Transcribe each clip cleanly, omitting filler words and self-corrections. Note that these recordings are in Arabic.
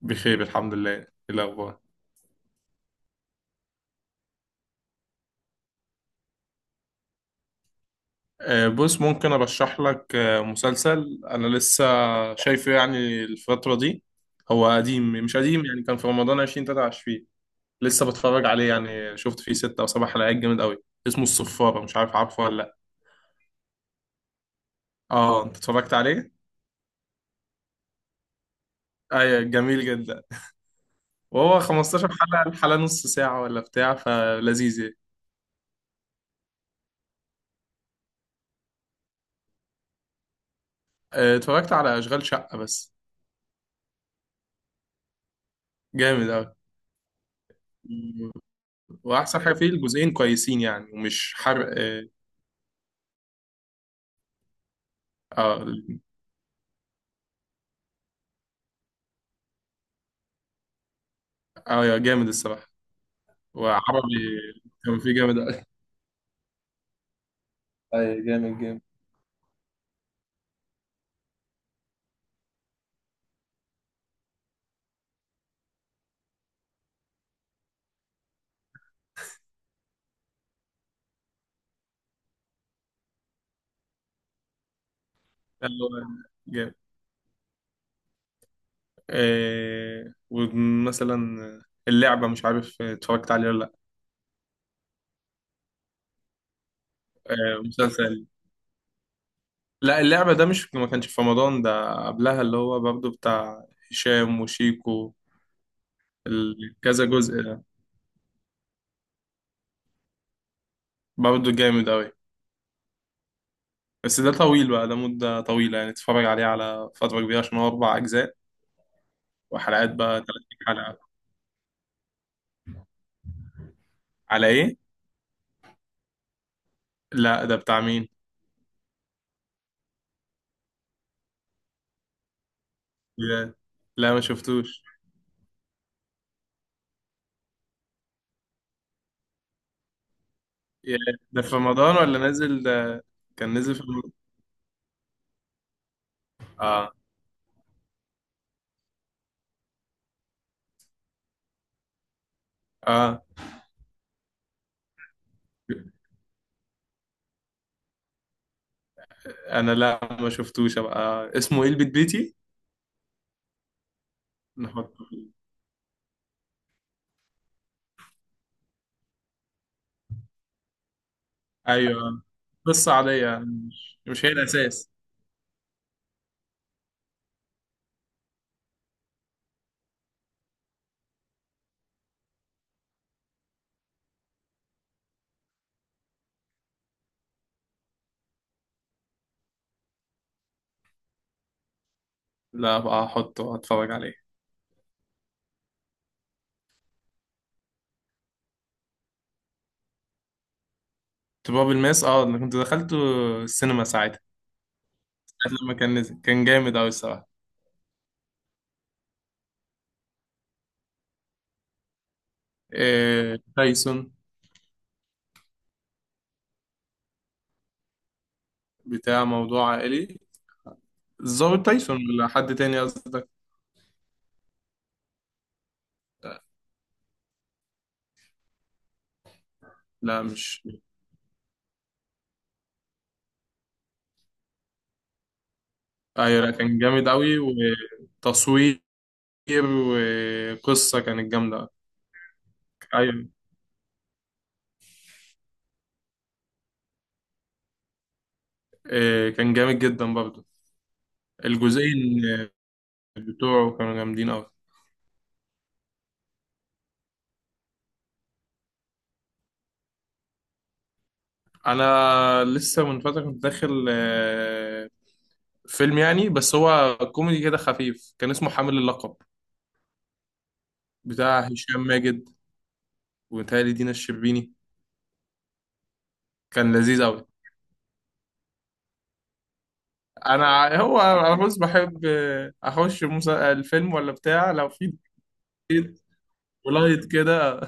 بخير الحمد لله. إيه الأخبار؟ بص ممكن أرشح لك مسلسل، أنا لسه شايفه يعني الفترة دي. هو قديم مش قديم، يعني كان في رمضان 2023. لسه بتفرج عليه، يعني شفت فيه ستة أو سبع حلقات. جامد أوي، اسمه الصفارة. مش عارف عارفه ولا لأ. أه، أنت اتفرجت عليه؟ أيوة جميل جدا. وهو 15 حلقة، الحلقة نص ساعة ولا بتاع، فلذيذ يعني. اتفرجت على أشغال شقة بس. جامد أوي. واحسن حاجه فيه، الجزئين كويسين يعني ومش حرق. آه، اه. اه يا جامد الصراحة. وعربي كان فيه جامد أوي. اي جامد جامد. اللي هو جامد. آه، ومثلا اللعبة، مش عارف اتفرجت عليه ولا لا. آه مسلسل. لا اللعبة ده مش، ما كانش في رمضان، ده قبلها، اللي هو برضه بتاع هشام وشيكو. كذا جزء ده. برضه جامد أوي. بس ده طويل بقى، ده مدة طويلة يعني، تتفرج عليه على فترة كبيرة عشان هو أربع أجزاء. وحلقات بقى 30 حلقة. على إيه؟ لا ده بتاع مين؟ يا، لا ما شفتوش. يا، ده في رمضان ولا نازل ده؟ كان نازل في رمضان. اه. اه. انا لا ما شفتوش. ابقى اسمه ايه؟ البيت بيتي. نحطه فيه. ايوه قصة عادية يعني، مش هي الاساس. لا ابقى احطه اتفرج عليه. تراب الماس، اه انا كنت دخلته السينما ساعتها. ساعة لما كان نزل كان جامد اوي الصراحة. إيه تايسون؟ بتاع موضوع عائلي؟ الظابط تايسون ولا حد تاني قصدك؟ لا مش. ايوه، لا كان جامد قوي. وتصوير وقصه كانت جامده. ايوه. إيه، كان جامد جدا برضه. الجزئين بتوعه كانوا جامدين قوي. انا لسه من فتره كنت داخل فيلم يعني، بس هو كوميدي كده خفيف، كان اسمه حامل اللقب، بتاع هشام ماجد وتهيألي دينا الشربيني. كان لذيذ قوي. هو عاوز، بحب اخش الفيلم ولا بتاع لو في جديد، ولايت كده.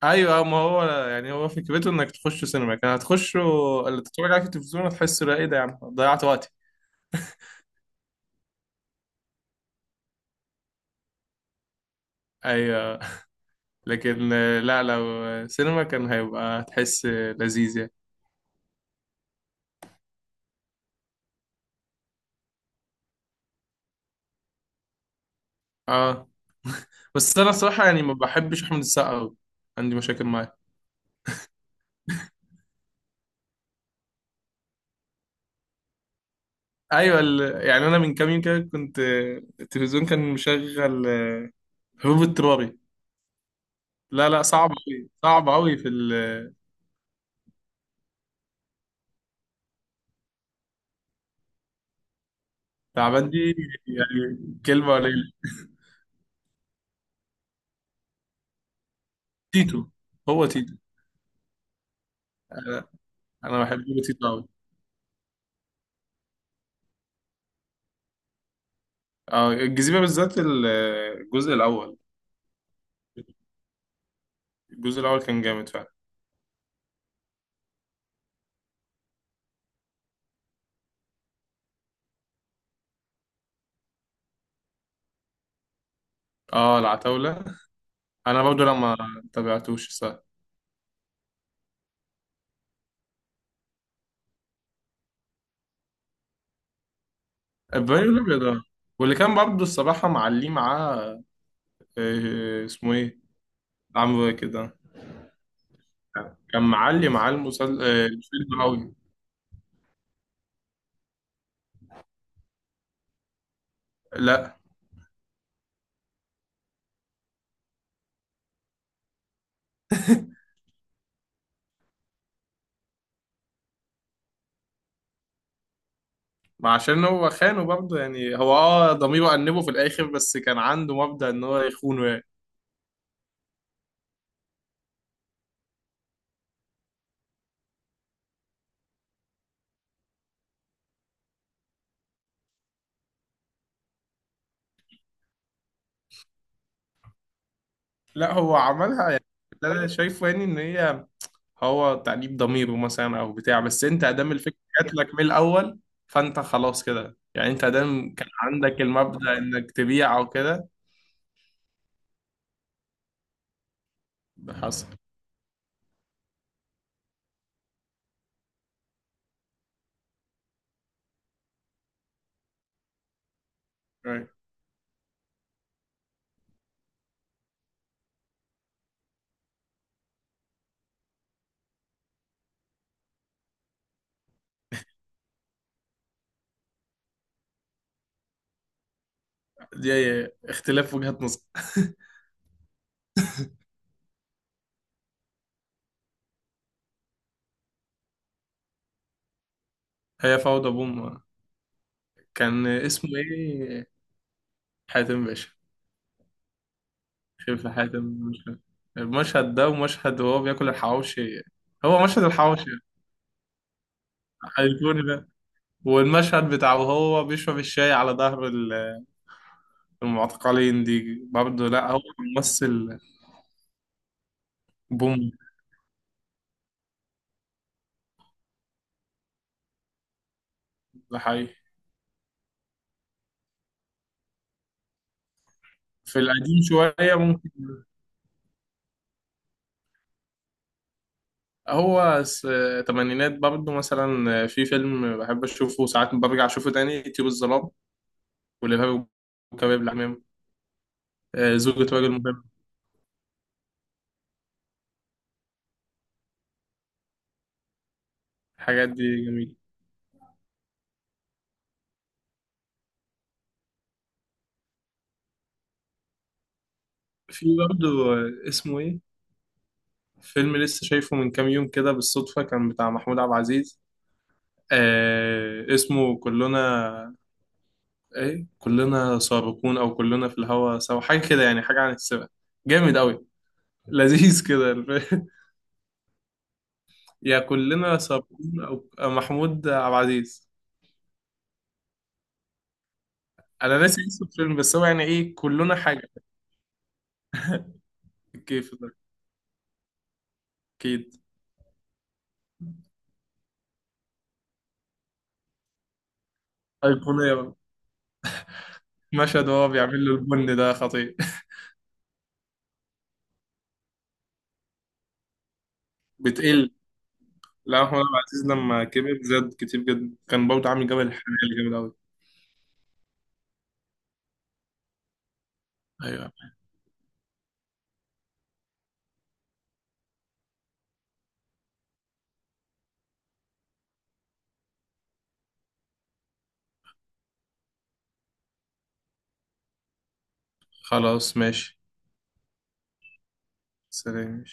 ايوه، ما هو يعني، هو فكرته انك تخش سينما، كان هتخش اللي تتفرج عليه في التلفزيون هتحس لا ايه ده يا عم، ضيعت وقتي. ايوه، لكن لا لو سينما كان هيبقى، هتحس لذيذ يعني. اه، بس انا الصراحه يعني ما بحبش احمد السقا أوي. عندي مشاكل معاه. ايوه يعني انا من كام يوم كده كنت التلفزيون كان مشغل هروب اضطراري. لا لا، صعب قوي صعب قوي في. التعبان دي يعني كلمه قليله. تيتو. هو تيتو. انا، أنا بحب تيتو قوي. اه الجزيرة بالذات الجزء الأول. الجزء الأول كان جامد فعلا. اه العتاولة، أنا برضو لما تابعتوش صح. البريو الأبيض اه. واللي كان برضو الصراحة معليه معاه اسمه إيه، عمرو كده. كان معلي معاه المسل... آه، الفيلم أوي. لا، ما عشان هو خانه برضه يعني، هو اه ضميره أنبه في الآخر بس كان عنده مبدأ إن هو يخونه يعني. لا هو عملها يعني. اللي أنا شايفه يعني إن هي، هو تأنيب ضميره مثلا او بتاع، بس انت ادام الفكره جات لك من الاول، فانت خلاص كده يعني، انت ادام كان عندك المبدأ انك تبيع او كده. ده حصل. أيوة. دي اختلاف وجهات نظر. هي فوضى بوم. كان اسمه ايه؟ حاتم باشا. شايف حاتم مش عارف. المشهد ده ومشهد وهو بياكل الحواوشي، هو مشهد الحواوشي ايقوني ده. والمشهد بتاع وهو بيشرب الشاي على ظهر المعتقلين دي برضه، لا هو ممثل بوم. ده حقيقي. في القديم شوية ممكن. هو س- تمانينات برضه مثلا، في فيلم بحب أشوفه ساعات برجع أشوفه تاني، طيور الظلام والإرهاب والكباب العمام، زوجة رجل مهم. الحاجات دي جميلة. في برضه اسمه إيه، فيلم لسه شايفه من كام يوم كده بالصدفة، كان بتاع محمود عبد العزيز. آه اسمه كلنا إيه، كلنا سابقون أو كلنا في الهوى سوا، حاجة كده يعني، حاجة عن السباق. جامد أوي، لذيذ كده. يا كلنا صابرين او، أو محمود عبد العزيز. انا ناسي اسم الفيلم بس هو يعني ايه كلنا حاجه. في الكيف ده اكيد. ايقونيه بقى. مشهد وهو بيعمل له البن ده خطير. بتقل. لا محمود عبد العزيز لما كبر زاد كتير جدا، كان برضه عامل جبل الحلال جامد قوي. ايوه. خلاص ماشي. سلام.